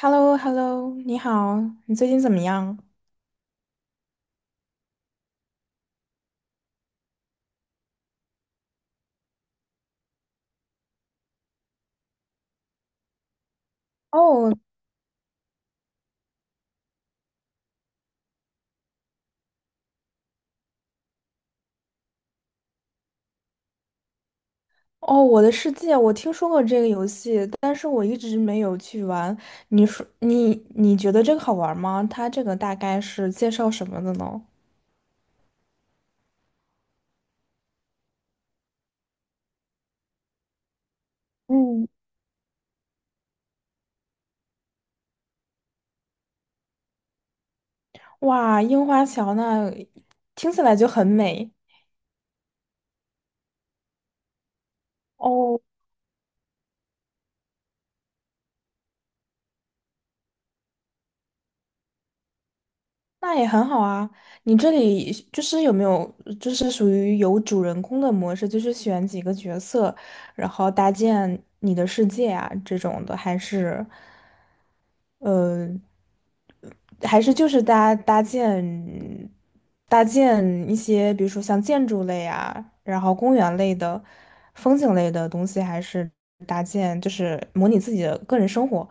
h e l l o h e l l o 你好，你最近怎么样？哦哦，我的世界，我听说过这个游戏，但是我一直没有去玩。你说你觉得这个好玩吗？它这个大概是介绍什么的呢？嗯，哇，樱花桥那听起来就很美。哦，那也很好啊。你这里就是有没有就是属于有主人公的模式，就是选几个角色，然后搭建你的世界啊这种的，还是？呃，还是就是搭建搭建一些，比如说像建筑类啊，然后公园类的、风景类的东西，还是搭建，就是模拟自己的个人生活。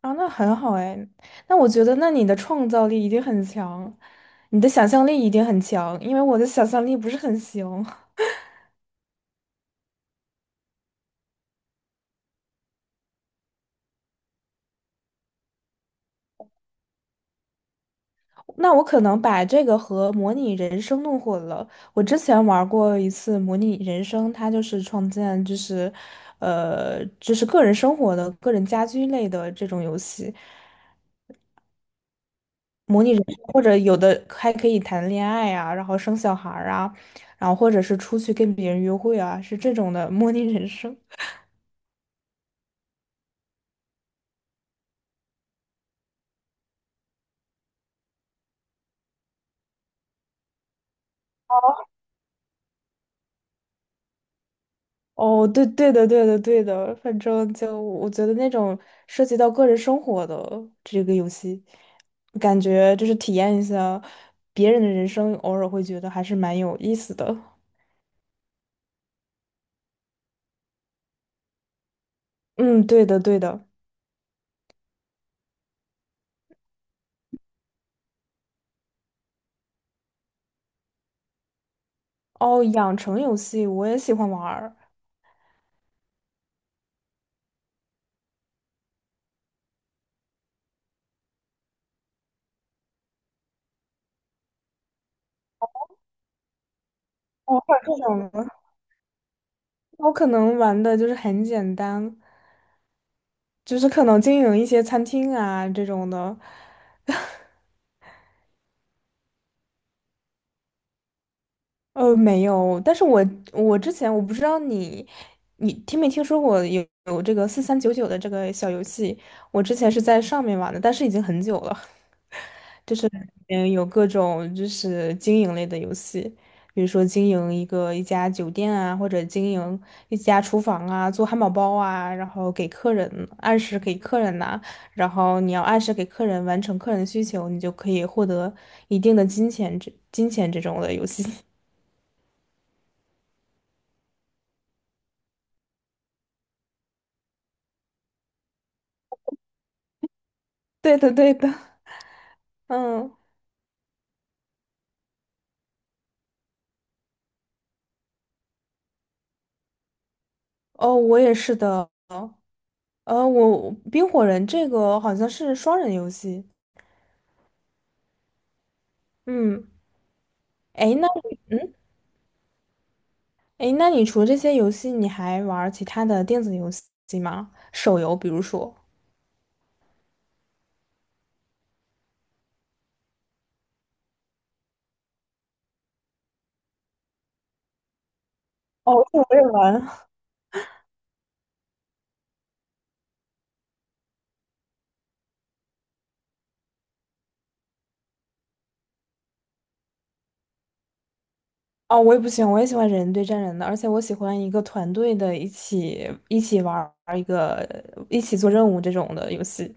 啊，那很好哎。那我觉得，那你的创造力一定很强，你的想象力一定很强，因为我的想象力不是很行。那我可能把这个和模拟人生弄混了。我之前玩过一次模拟人生，它就是创建，就是，就是个人生活的、个人家居类的这种游戏，模拟人生，或者有的还可以谈恋爱啊，然后生小孩儿啊，然后或者是出去跟别人约会啊，是这种的模拟人生。哦，对对的，对的，对的，反正就我觉得那种涉及到个人生活的这个游戏，感觉就是体验一下别人的人生，偶尔会觉得还是蛮有意思的。嗯，对的，对的。哦，养成游戏我也喜欢玩儿。哦，或者这种呢，我可能玩的就是很简单，就是可能经营一些餐厅啊这种的。呃，没有，但是我我之前我不知道你，你听没听说过有这个四三九九的这个小游戏？我之前是在上面玩的，但是已经很久了。嗯，有各种就是经营类的游戏，比如说经营一个一家酒店啊，或者经营一家厨房啊，做汉堡包啊，然后给客人按时给客人拿，然后你要按时给客人完成客人的需求，你就可以获得一定的金钱这金钱这种的游戏。对的，对的，嗯。哦，我也是的。呃，我冰火人这个好像是双人游戏。嗯，诶，那诶，那你除了这些游戏，你还玩儿其他的电子游戏吗？手游，比如说。哦，我也玩。哦，我也不喜欢，我也喜欢人对战人的，而且我喜欢一个团队的，一起玩儿一个，一起做任务这种的游戏。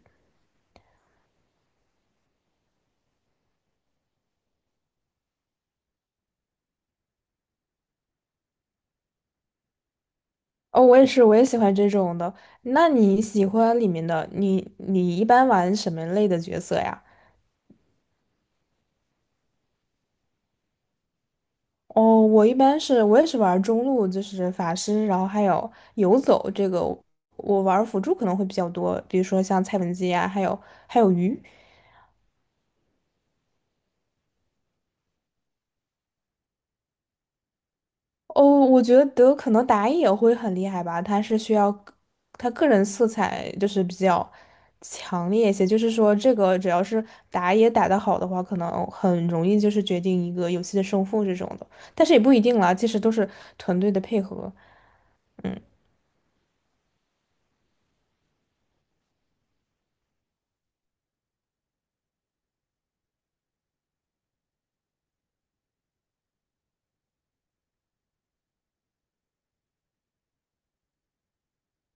哦，我也是，我也喜欢这种的。那你喜欢里面的，你一般玩什么类的角色呀？哦，我一般是我也是玩中路，就是法师，然后还有游走这个，我玩辅助可能会比较多，比如说像蔡文姬啊，还有鱼。哦，我觉得可能打野会很厉害吧，他是需要个他个人色彩就是比较强烈一些，就是说这个只要是打野打得好的话，可能很容易就是决定一个游戏的胜负这种的，但是也不一定啦，其实都是团队的配合。嗯，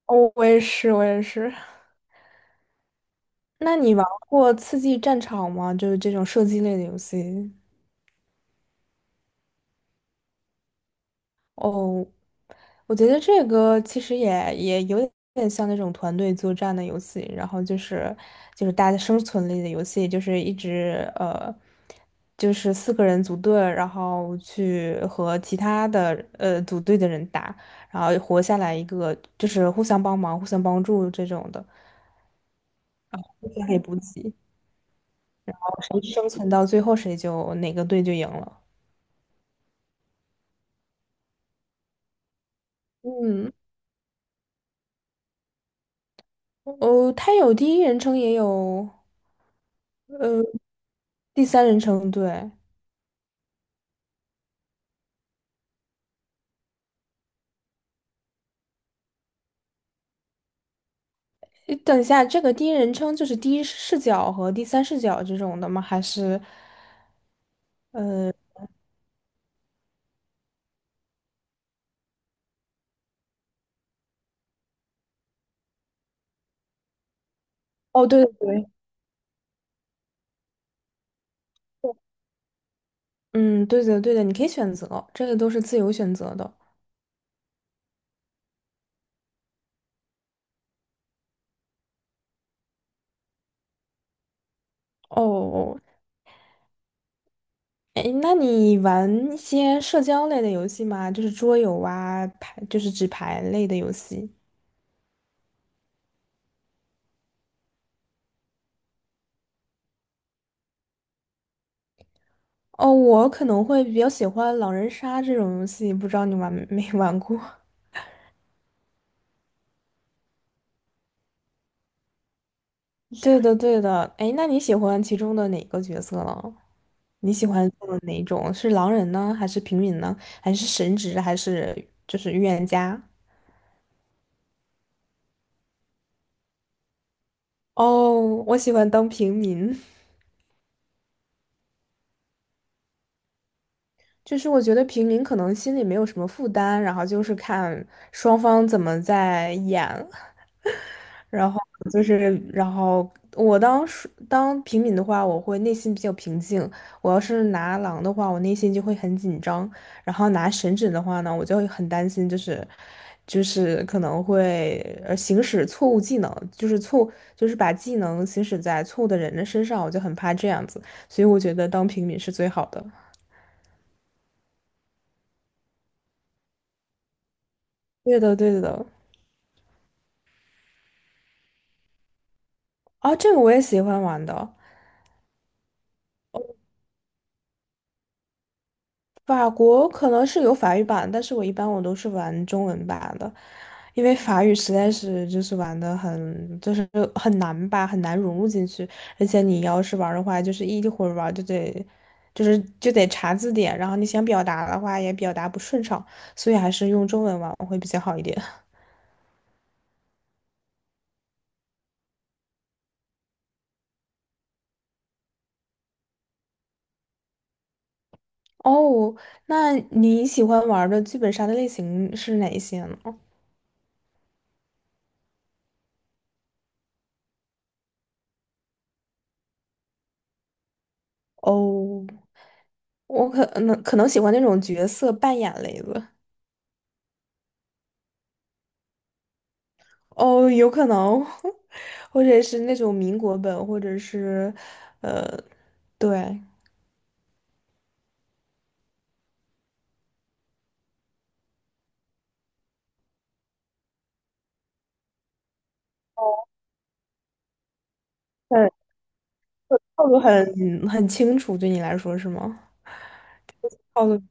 哦，我也是，我也是。那你玩过《刺激战场》吗？就是这种射击类的游戏。哦，我觉得这个其实也也有点像那种团队作战的游戏，然后就是就是大家生存类的游戏，就是一直就是四个人组队，然后去和其他的组队的人打，然后活下来一个，就是互相帮忙、互相帮助这种的，互相可以补给，然后谁生存到最后，谁就哪个队就赢了。嗯。哦，它有第一人称，也有呃第三人称。对，诶等一下，这个第一人称就是第一视角和第三视角这种的吗？还是？哦，对对对，嗯，对的对的，你可以选择，这个都是自由选择的。哦，哎，那你玩一些社交类的游戏吗？就是桌游啊，牌，就是纸牌类的游戏。哦，我可能会比较喜欢狼人杀这种游戏，不知道你玩没玩过？对的，对的。哎，那你喜欢其中的哪个角色呢？你喜欢做哪一种？是狼人呢，还是平民呢，还是神职，还是就是预言家？哦，我喜欢当平民，就是我觉得平民可能心里没有什么负担，然后就是看双方怎么在演。就是，然后我当时当平民的话，我会内心比较平静；我要是拿狼的话，我内心就会很紧张；然后拿神指的话呢，我就会很担心，就是就是可能会行使错误技能，就是错就是把技能行使在错误的人的身上，我就很怕这样子。所以我觉得当平民是最好的。对的，对的。啊，这个我也喜欢玩的。法国可能是有法语版，但是我一般我都是玩中文版的，因为法语实在是就是玩的很就是很难吧，很难融入进去，而且你要是玩的话，就是一会儿玩就得就是就得查字典，然后你想表达的话也表达不顺畅，所以还是用中文玩会比较好一点。哦，那你喜欢玩的剧本杀的类型是哪一些呢？哦，我可能可能喜欢那种角色扮演类的。哦，有可能，或者是那种民国本，或者是，呃，对，嗯，套路很很清楚，对你来说是吗？套路，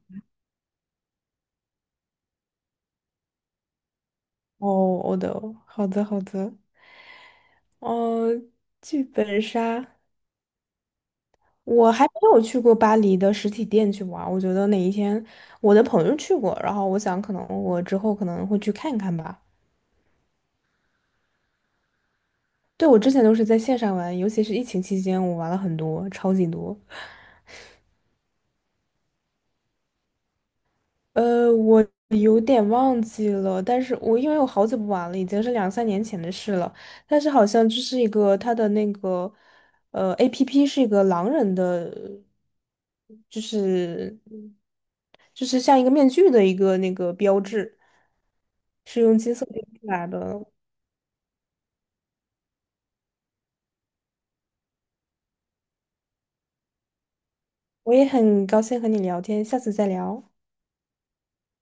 哦，我的，好的，好的，哦，剧本杀，我还没有去过巴黎的实体店去玩儿我觉得哪一天我的朋友去过，然后我想可能我之后可能会去看看吧。对，我之前都是在线上玩，尤其是疫情期间，我玩了很多，超级多。呃，我有点忘记了，但是我因为我好久不玩了，已经是两三年前的事了。但是好像就是一个它的那个APP 是一个狼人的，就是就是像一个面具的一个那个标志，是用金色拼出来的。我也很高兴和你聊天，下次再聊。